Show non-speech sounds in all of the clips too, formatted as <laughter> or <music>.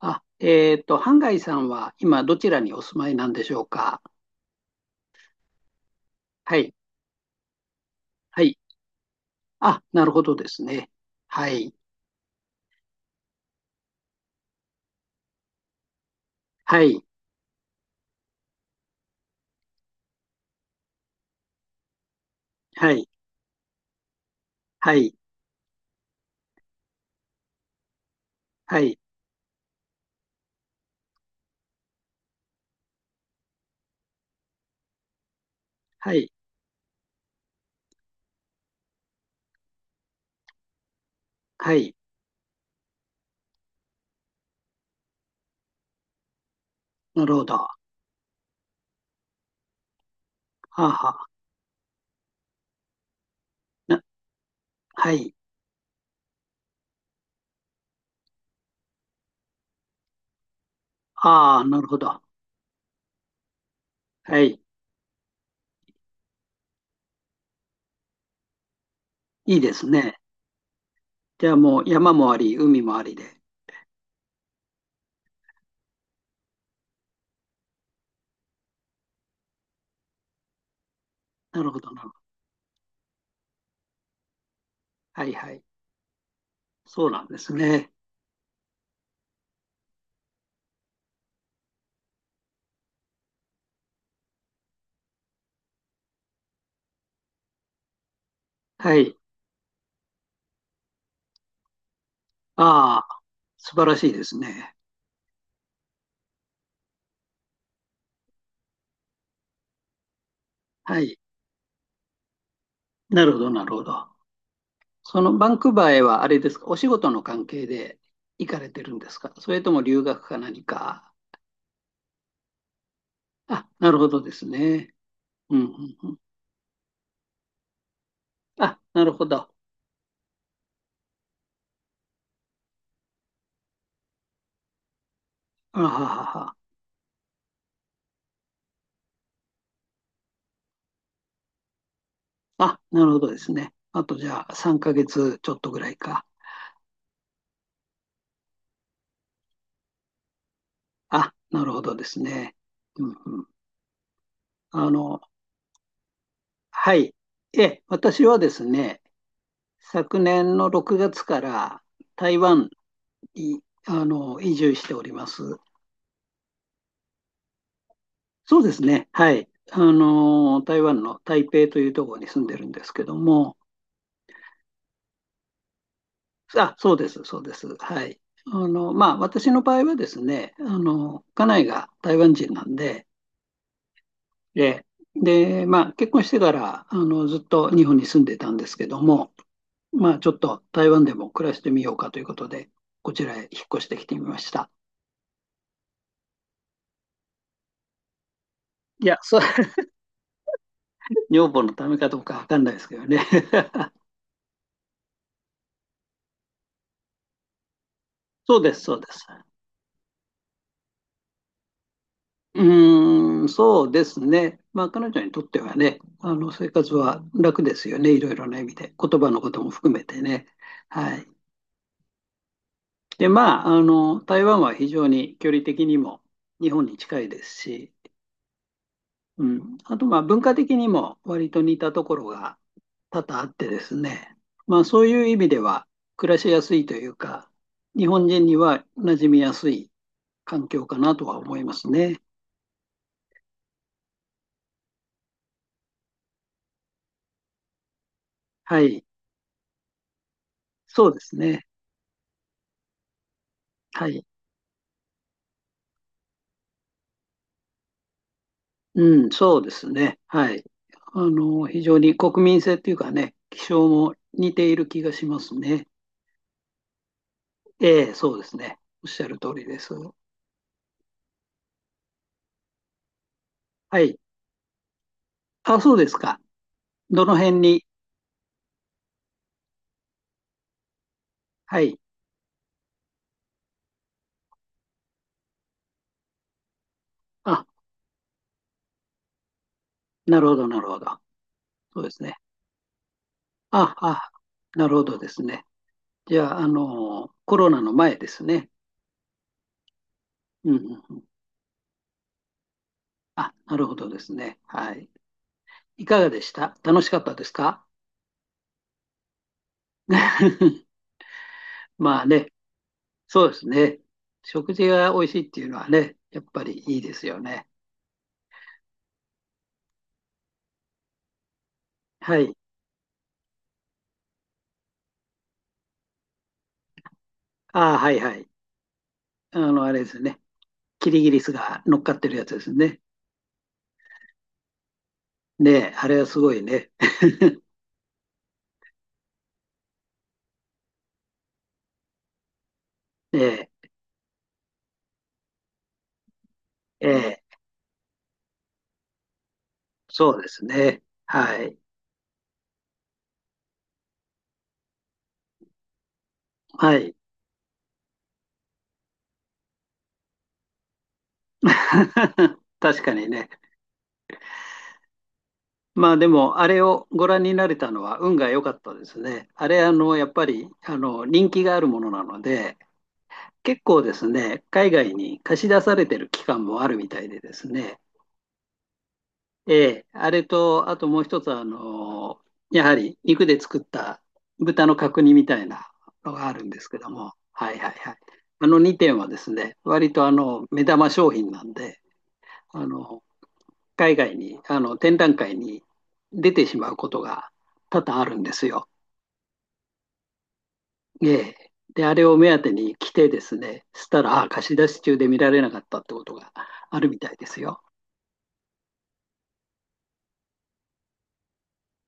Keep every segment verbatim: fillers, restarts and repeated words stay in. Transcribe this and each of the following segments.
あ、えっと、ハンガイさんは今どちらにお住まいなんでしょうか？はい。はい。あ、なるほどですね。はい。はい。はい。はい。はい。はい。はい。なるほど。はあはあ。な、はい。ああ、なるほど。はい。いいですね。じゃあもう山もあり、海もありで。なるほどなるほど。はいはい。そうなんですね。はい。ああ、素晴らしいですね。はい。なるほど、なるほど。そのバンクーバーへはあれですか、お仕事の関係で行かれてるんですか、それとも留学か何か？あ、なるほどですね。うんうんうん。あ、なるほど。あははは。あ、なるほどですね。あとじゃあさんかげつちょっとぐらいか。あ、なるほどですね。うんうん。あの、はい。え、私はですね、昨年のろくがつから台湾に、あの、移住しております。そうですね。はい。あのー、台湾の台北というところに住んでるんですけども、あ、そうです、そうです。はい。あの、まあ、私の場合はですね、あの、家内が台湾人なんで、で、で、まあ、結婚してから、あの、ずっと日本に住んでたんですけども、まあ、ちょっと台湾でも暮らしてみようかということで、こちらへ引っ越してきてみました。いや、そう、<laughs> 女房のためかどうかわかんないですけどね。<laughs> そうです、そうです。うーん、そうですね。まあ、彼女にとってはね、あの生活は楽ですよね、いろいろな意味で、言葉のことも含めてね。はい。で、まあ、あの、台湾は非常に距離的にも日本に近いですし、うん、あと、まあ、文化的にも割と似たところが多々あってですね、まあ、そういう意味では暮らしやすいというか、日本人には馴染みやすい環境かなとは思いますね。はい。そうですね。はい。うん、そうですね。はい。あの、非常に国民性っていうかね、気象も似ている気がしますね。ええ、そうですね。おっしゃる通りです。はい。あ、そうですか。どの辺に？はい。あ、なるほど、なるほど。そうですね。あ、あ、なるほどですね。じゃあ、あの、コロナの前ですね。うん、うんうん。あ、なるほどですね。はい。いかがでした？楽しかったですか？ <laughs> まあね、そうですね。食事が美味しいっていうのはね、やっぱりいいですよね。はい。ああ、はいはい。あの、あれですね。キリギリスが乗っかってるやつですね。ねえ、あれはすごいね。<laughs> ええ、ええ、そうですね。はい。はい。<laughs> 確かにね。まあでも、あれをご覧になれたのは運が良かったですね。あれ、あの、やっぱり、あの、人気があるものなので、結構ですね、海外に貸し出されてる期間もあるみたいでですね。ええ、あれと、あともう一つは、あの、やはり肉で作った豚の角煮みたいなのがあるんですけども、はいはいはい。あのにてんはですね、割とあの目玉商品なんで、あの海外に、あの展覧会に出てしまうことが多々あるんですよ。ええ。で、あれを目当てに来てですね、したら、ああ、貸し出し中で見られなかったってことがあるみたいですよ。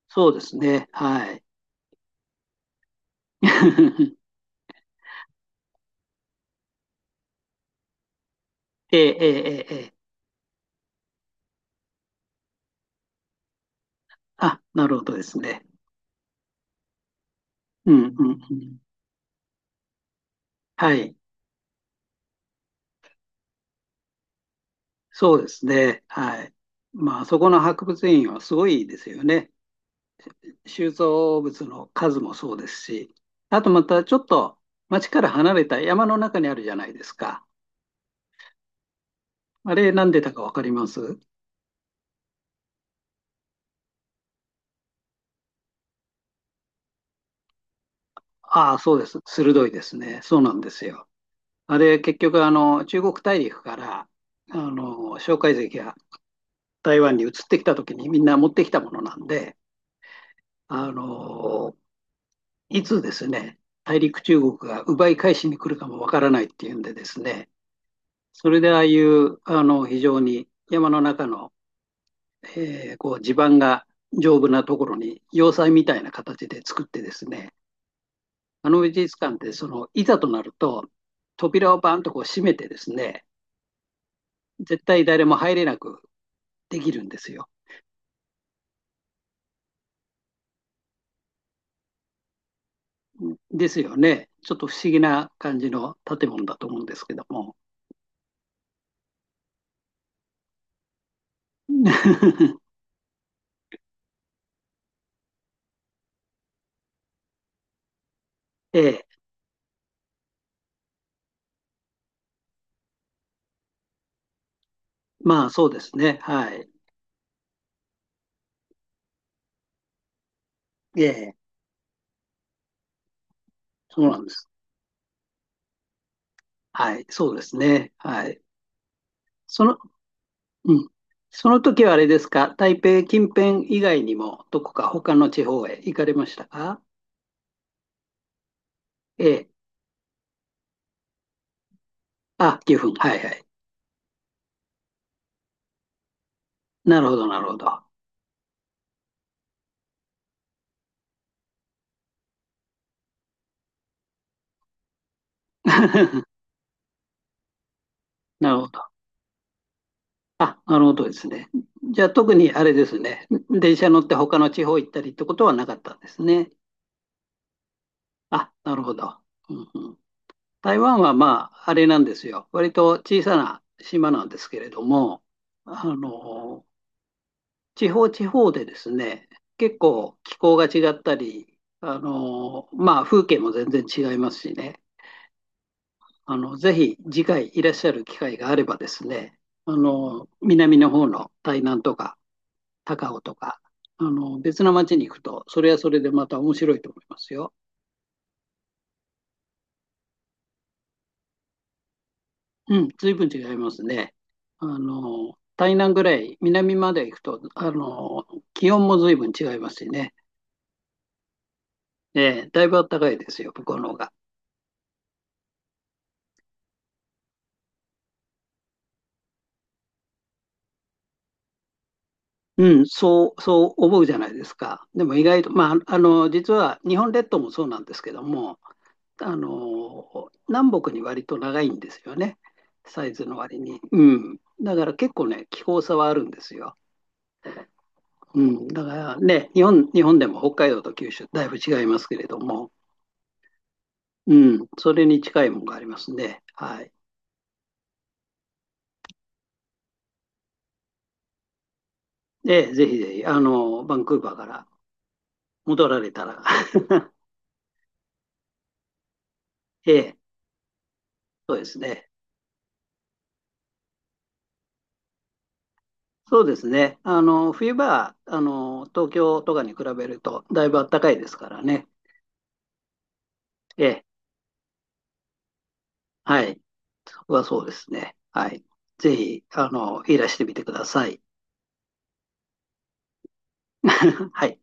そうですね、はい。<laughs> ええ、ええ、ええ。ええ、あ、なるほどですね。うん、うん、うん。はい。そうですね。はい。まあ、あそこの博物院はすごいですよね。収蔵物の数もそうですし、あとまたちょっと町から離れた山の中にあるじゃないですか。あれ、なんでたかわかります？ああ、そうです。鋭いですね。そうなんですよ。あれ、結局、あの、中国大陸から、あの、蒋介石が台湾に移ってきた時にみんな持ってきたものなんで、あの、いつですね、大陸中国が奪い返しに来るかもわからないっていうんでですね、それでああいうあの非常に山の中の、えーこう地盤が丈夫なところに要塞みたいな形で作ってですね、あの美術館ってそのいざとなると扉をバンとこう閉めてですね、絶対誰も入れなくできるんですよ。ですよね。ちょっと不思議な感じの建物だと思うんですけども。<laughs> ええ、まあそうですね。はい。ええ。そうなんです。はい、そうですね。はい。その、うん。その時はあれですか、台北近辺以外にも、どこか他の地方へ行かれましたか？ええ。あ、岐阜。はいはい。なるほど、なるほど。<laughs> なるほど。あ、なるほどですね。じゃあ、特にあれですね。電車乗って他の地方行ったりってことはなかったんですね。あ、なるほど。うんうん、台湾はまあ、あれなんですよ。割と小さな島なんですけれども、あの、地方地方でですね、結構気候が違ったり、あのまあ、風景も全然違いますしね、あのぜひ次回いらっしゃる機会があればですね、あの南の方の台南とか高尾とか、あの別の町に行くと、それはそれでまた面白いと思いますよ。うん、随分違いますね。あの台南ぐらい南まで行くと、あの気温も随分違いますしね、ええだいぶ暖かいですよ、向こうの方が。うん、そう、そう思うじゃないですか。でも意外と、まあ、あの、実は日本列島もそうなんですけども、あの、南北に割と長いんですよね。サイズの割に。うん。だから結構ね、気候差はあるんですよ。うん。だからね、日本、日本でも北海道と九州、だいぶ違いますけれども、うん。それに近いものがありますね。はい。で、ぜひぜひ、あの、バンクーバーから戻られたら、<laughs> ええ、そうですね。そうですね。あの、冬場は、あの、東京とかに比べると、だいぶ暖かいですからね。ええ、はい。そこはそうですね。はい。ぜひ、あの、いらしてみてください。<laughs> はい。